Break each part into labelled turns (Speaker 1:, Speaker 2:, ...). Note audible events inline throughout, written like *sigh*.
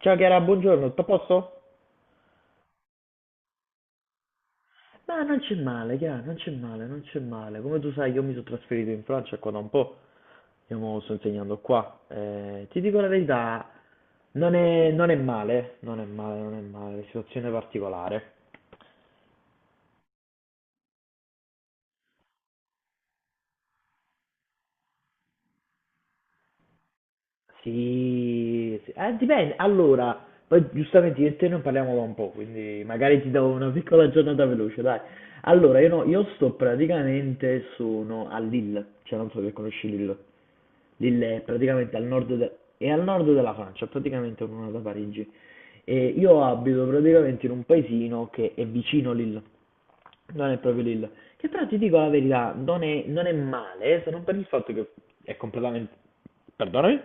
Speaker 1: Ciao Chiara, buongiorno, tutto a posto? Ma non c'è male, chiaro, non c'è male. Come tu sai, io mi sono trasferito in Francia qua da un po', io mo sto insegnando qua. Ti dico la verità, non è male, non è male, situazione particolare. Sì, sì. Dipende. Allora, poi giustamente io e te non parliamo da un po', quindi magari ti do una piccola giornata veloce, dai. Allora, io, no, io sto praticamente, sono a Lille, cioè non so se conosci Lille. Lille è praticamente al nord, è al nord della Francia, praticamente a un'ora da Parigi. E io abito praticamente in un paesino che è vicino Lille, non è proprio Lille, che però ti dico la verità, non è male, se non per il fatto che è completamente... Perdonami?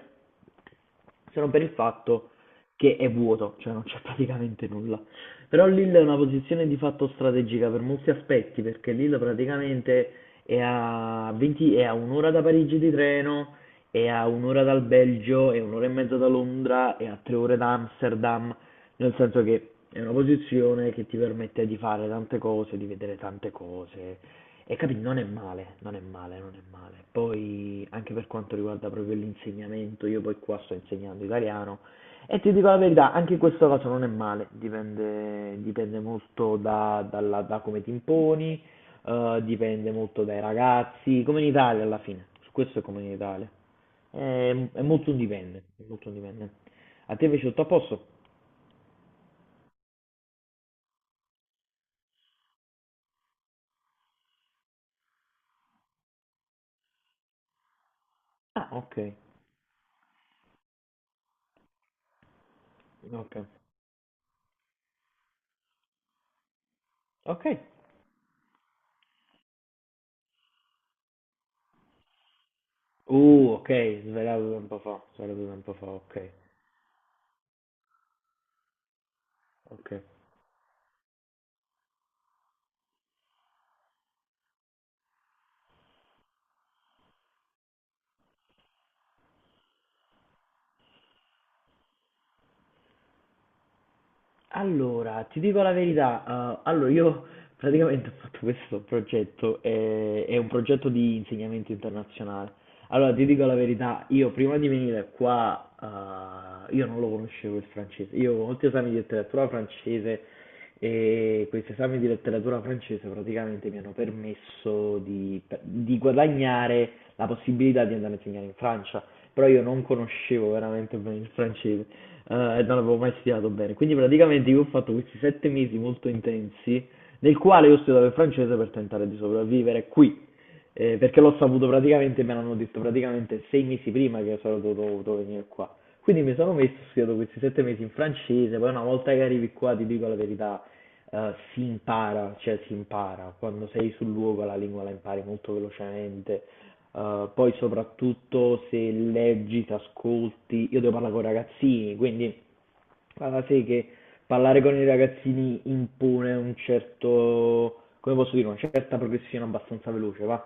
Speaker 1: Se non per il fatto che è vuoto, cioè non c'è praticamente nulla. Però Lille è una posizione di fatto strategica per molti aspetti, perché Lille praticamente 20 è a un'ora da Parigi di treno, è a un'ora dal Belgio, è un'ora e mezza da Londra, è a tre ore da Amsterdam, nel senso che è una posizione che ti permette di fare tante cose, di vedere tante cose e non è male, non è male. Poi anche per quanto riguarda proprio l'insegnamento, io poi qua sto insegnando italiano e ti dico la verità, anche in questo caso non è male, dipende, da come ti imponi, dipende molto dai ragazzi, come in Italia alla fine, su questo è come in Italia, è molto un dipende, è molto un dipende. A te invece tutto a posto? Ah, ok. Okay, okay. Okay, svelavo da un po' fa, svelavo da un po' fa, okay, okay. Allora, ti dico la verità, allora io praticamente ho fatto questo progetto, è un progetto di insegnamento internazionale. Allora, ti dico la verità, io prima di venire qua, io non lo conoscevo il francese. Io ho molti esami di letteratura francese e questi esami di letteratura francese praticamente mi hanno permesso di guadagnare la possibilità di andare a insegnare in Francia, però io non conoscevo veramente bene il francese e non avevo mai studiato bene. Quindi praticamente io ho fatto questi sette mesi molto intensi nel quale io ho studiato il francese per tentare di sopravvivere qui, perché l'ho saputo praticamente, me l'hanno detto praticamente sei mesi prima che sarei dovuto venire qua. Quindi mi sono messo, ho studiato questi sette mesi in francese, poi una volta che arrivi qua, ti dico la verità, si impara, cioè si impara, quando sei sul luogo la lingua la impari molto velocemente, poi soprattutto se leggi, ti ascolti, io devo parlare con ragazzini, quindi ah, sì, che parlare con i ragazzini impone un certo, come posso dire, una certa progressione abbastanza veloce, va?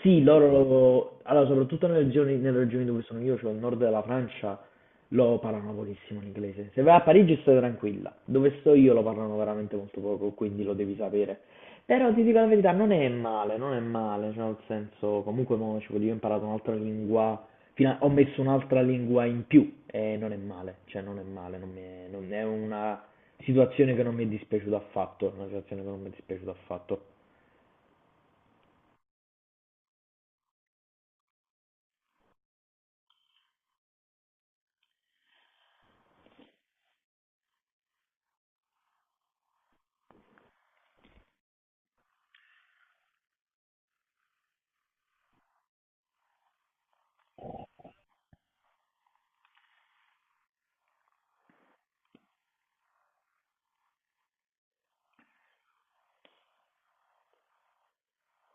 Speaker 1: Sì, loro, allora, soprattutto nelle regioni dove sono io, cioè il nord della Francia, lo parlano pochissimo l'inglese. Se vai a Parigi stai tranquilla, dove sto io lo parlano veramente molto poco, quindi lo devi sapere. Però ti dico la verità, non è male, non è male, cioè nel senso, comunque mo, io ho imparato un'altra lingua, ho messo un'altra lingua in più e non è male, cioè non è male, non è una situazione che non mi è dispiaciuta affatto, è una situazione che non mi è dispiaciuta affatto.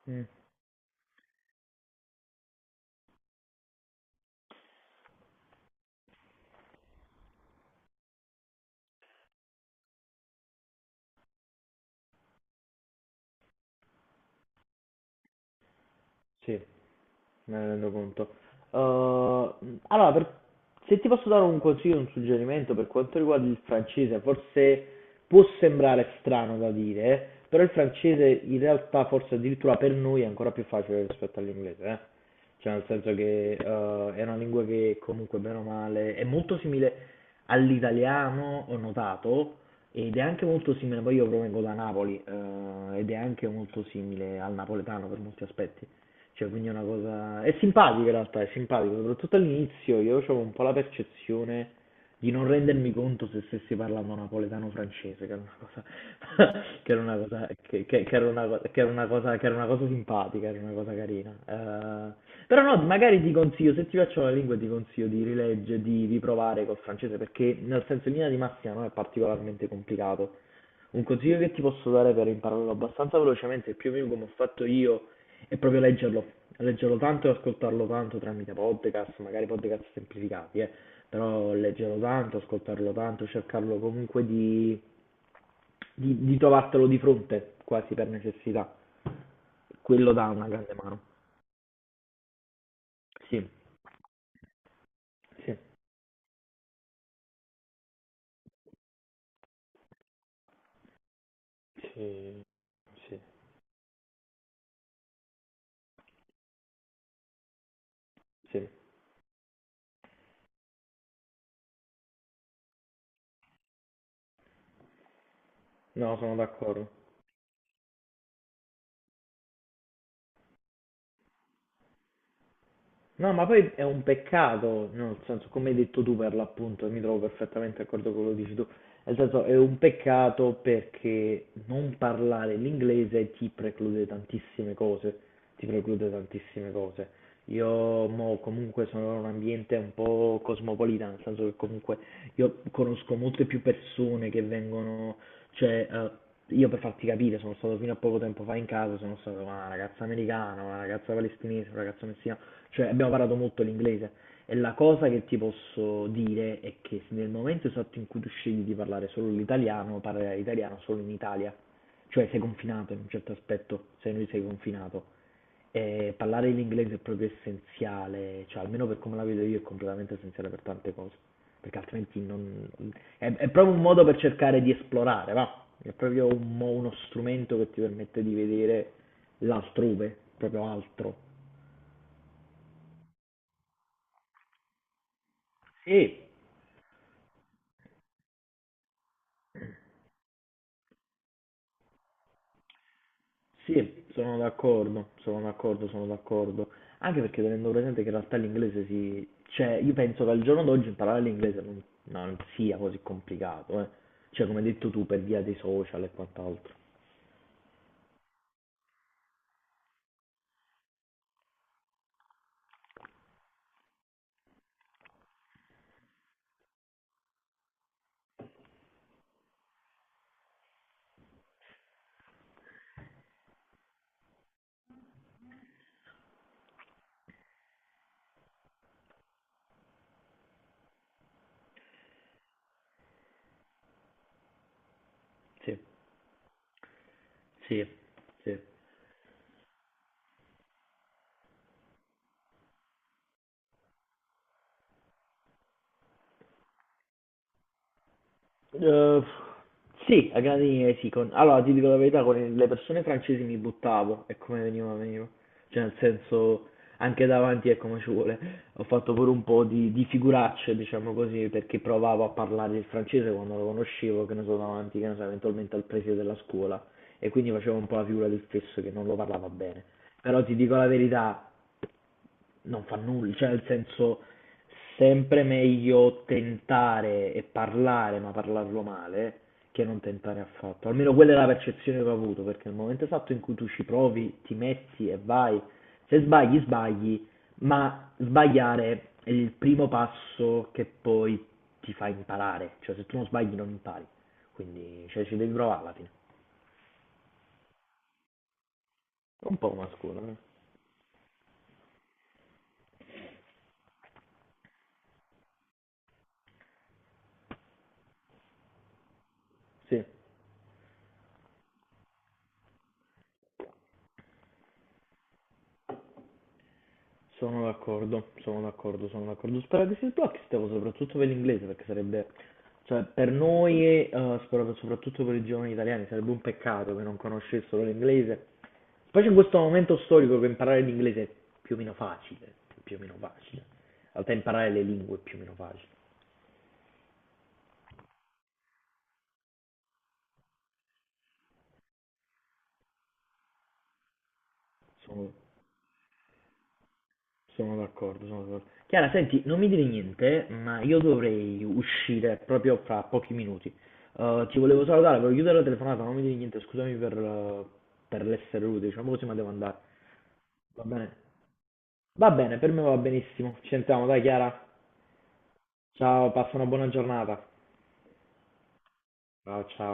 Speaker 1: Mm, sì. Me ne rendo conto. Allora, se ti posso dare un consiglio, un suggerimento per quanto riguarda il francese, forse può sembrare strano da dire, però il francese in realtà forse addirittura per noi è ancora più facile rispetto all'inglese, eh. Cioè nel senso che è una lingua che comunque bene o male è molto simile all'italiano, ho notato, ed è anche molto simile, poi io provengo da Napoli, ed è anche molto simile al napoletano per molti aspetti. Cioè, quindi è una cosa... È simpatico in realtà, è simpatico, soprattutto all'inizio io avevo un po' la percezione di non rendermi conto se stessi parlando napoletano o francese, che era una cosa, *laughs* che era una cosa, che era una, che era una cosa, che era una cosa simpatica, era una cosa carina. Però no, magari ti consiglio, se ti piacciono le lingue ti consiglio di rileggere, di riprovare col francese perché nel senso in linea di massima non è particolarmente complicato. Un consiglio che ti posso dare per impararlo abbastanza velocemente, più o meno come ho fatto io, è proprio leggerlo. Leggerlo tanto e ascoltarlo tanto tramite podcast, magari podcast semplificati, eh. Però leggerlo tanto, ascoltarlo tanto, cercarlo comunque di trovartelo di fronte, quasi per necessità. Quello dà una grande mano. Sì, sì. Sì, sì. Sì, no, sono d'accordo. No, ma poi è un peccato, no, nel senso, come hai detto tu per l'appunto, e mi trovo perfettamente d'accordo con quello che dici tu, nel senso è un peccato perché non parlare l'inglese ti preclude tantissime cose, ti preclude tantissime cose. Io mo, comunque sono in un ambiente un po' cosmopolita, nel senso che comunque io conosco molte più persone che vengono, cioè, io per farti capire sono stato fino a poco tempo fa in casa, sono stato con una ragazza americana, una ragazza palestinese, un ragazzo messicano, cioè abbiamo parlato molto l'inglese e la cosa che ti posso dire è che nel momento esatto in cui tu scegli di parlare solo l'italiano, parlerai italiano solo in Italia cioè sei confinato in un certo aspetto, sei confinato. E parlare l'inglese è proprio essenziale, cioè almeno per come la vedo io è completamente essenziale per tante cose, perché altrimenti non... è proprio un modo per cercare di esplorare, va? È proprio un uno strumento che ti permette di vedere l'altrove, proprio altro. E sì, sono d'accordo. Anche perché tenendo presente che in realtà l'inglese si... Cioè, io penso che al giorno d'oggi imparare l'inglese non sia così complicato, eh. Cioè, come hai detto tu, per via dei social e quant'altro. Sì, sì, sì. Eh, sì, a grandi linee sì. Allora, ti dico la verità, con le persone francesi mi buttavo e come veniva, veniva. Cioè, nel senso, anche davanti è come ci vuole. Ho fatto pure un po' di figuracce, diciamo così, perché provavo a parlare il francese quando lo conoscevo, che ne so, davanti, che ne so, eventualmente al preside della scuola. E quindi facevo un po' la figura del stesso che non lo parlava bene. Però ti dico la verità, non fa nulla, cioè nel senso sempre meglio tentare e parlare, ma parlarlo male, che non tentare affatto. Almeno quella è la percezione che ho avuto, perché nel momento esatto in cui tu ci provi, ti metti e vai, se sbagli, sbagli, ma sbagliare è il primo passo che poi ti fa imparare, cioè se tu non sbagli non impari, quindi cioè, ci devi provare alla fine. Un po' una scuola, eh. Sì. Sono d'accordo. Spero che si sblocchi questa cosa, soprattutto per l'inglese, perché sarebbe, cioè per noi, spero che soprattutto per i giovani italiani, sarebbe un peccato che non conoscessero l'inglese. Specie in questo momento storico che imparare l'inglese è più o meno facile, più o meno facile. In realtà imparare le lingue è più o meno facile. Sono Sono d'accordo, sono d'accordo. Chiara, senti, non mi dire niente, ma io dovrei uscire proprio fra pochi minuti. Ti volevo salutare, volevo chiudere la telefonata, non mi dire niente, scusami per l'essere rude, diciamo così, ma devo andare. Va bene? Va bene, per me va benissimo. Ci sentiamo, dai Chiara. Ciao, passa una buona giornata. Ciao, ciao.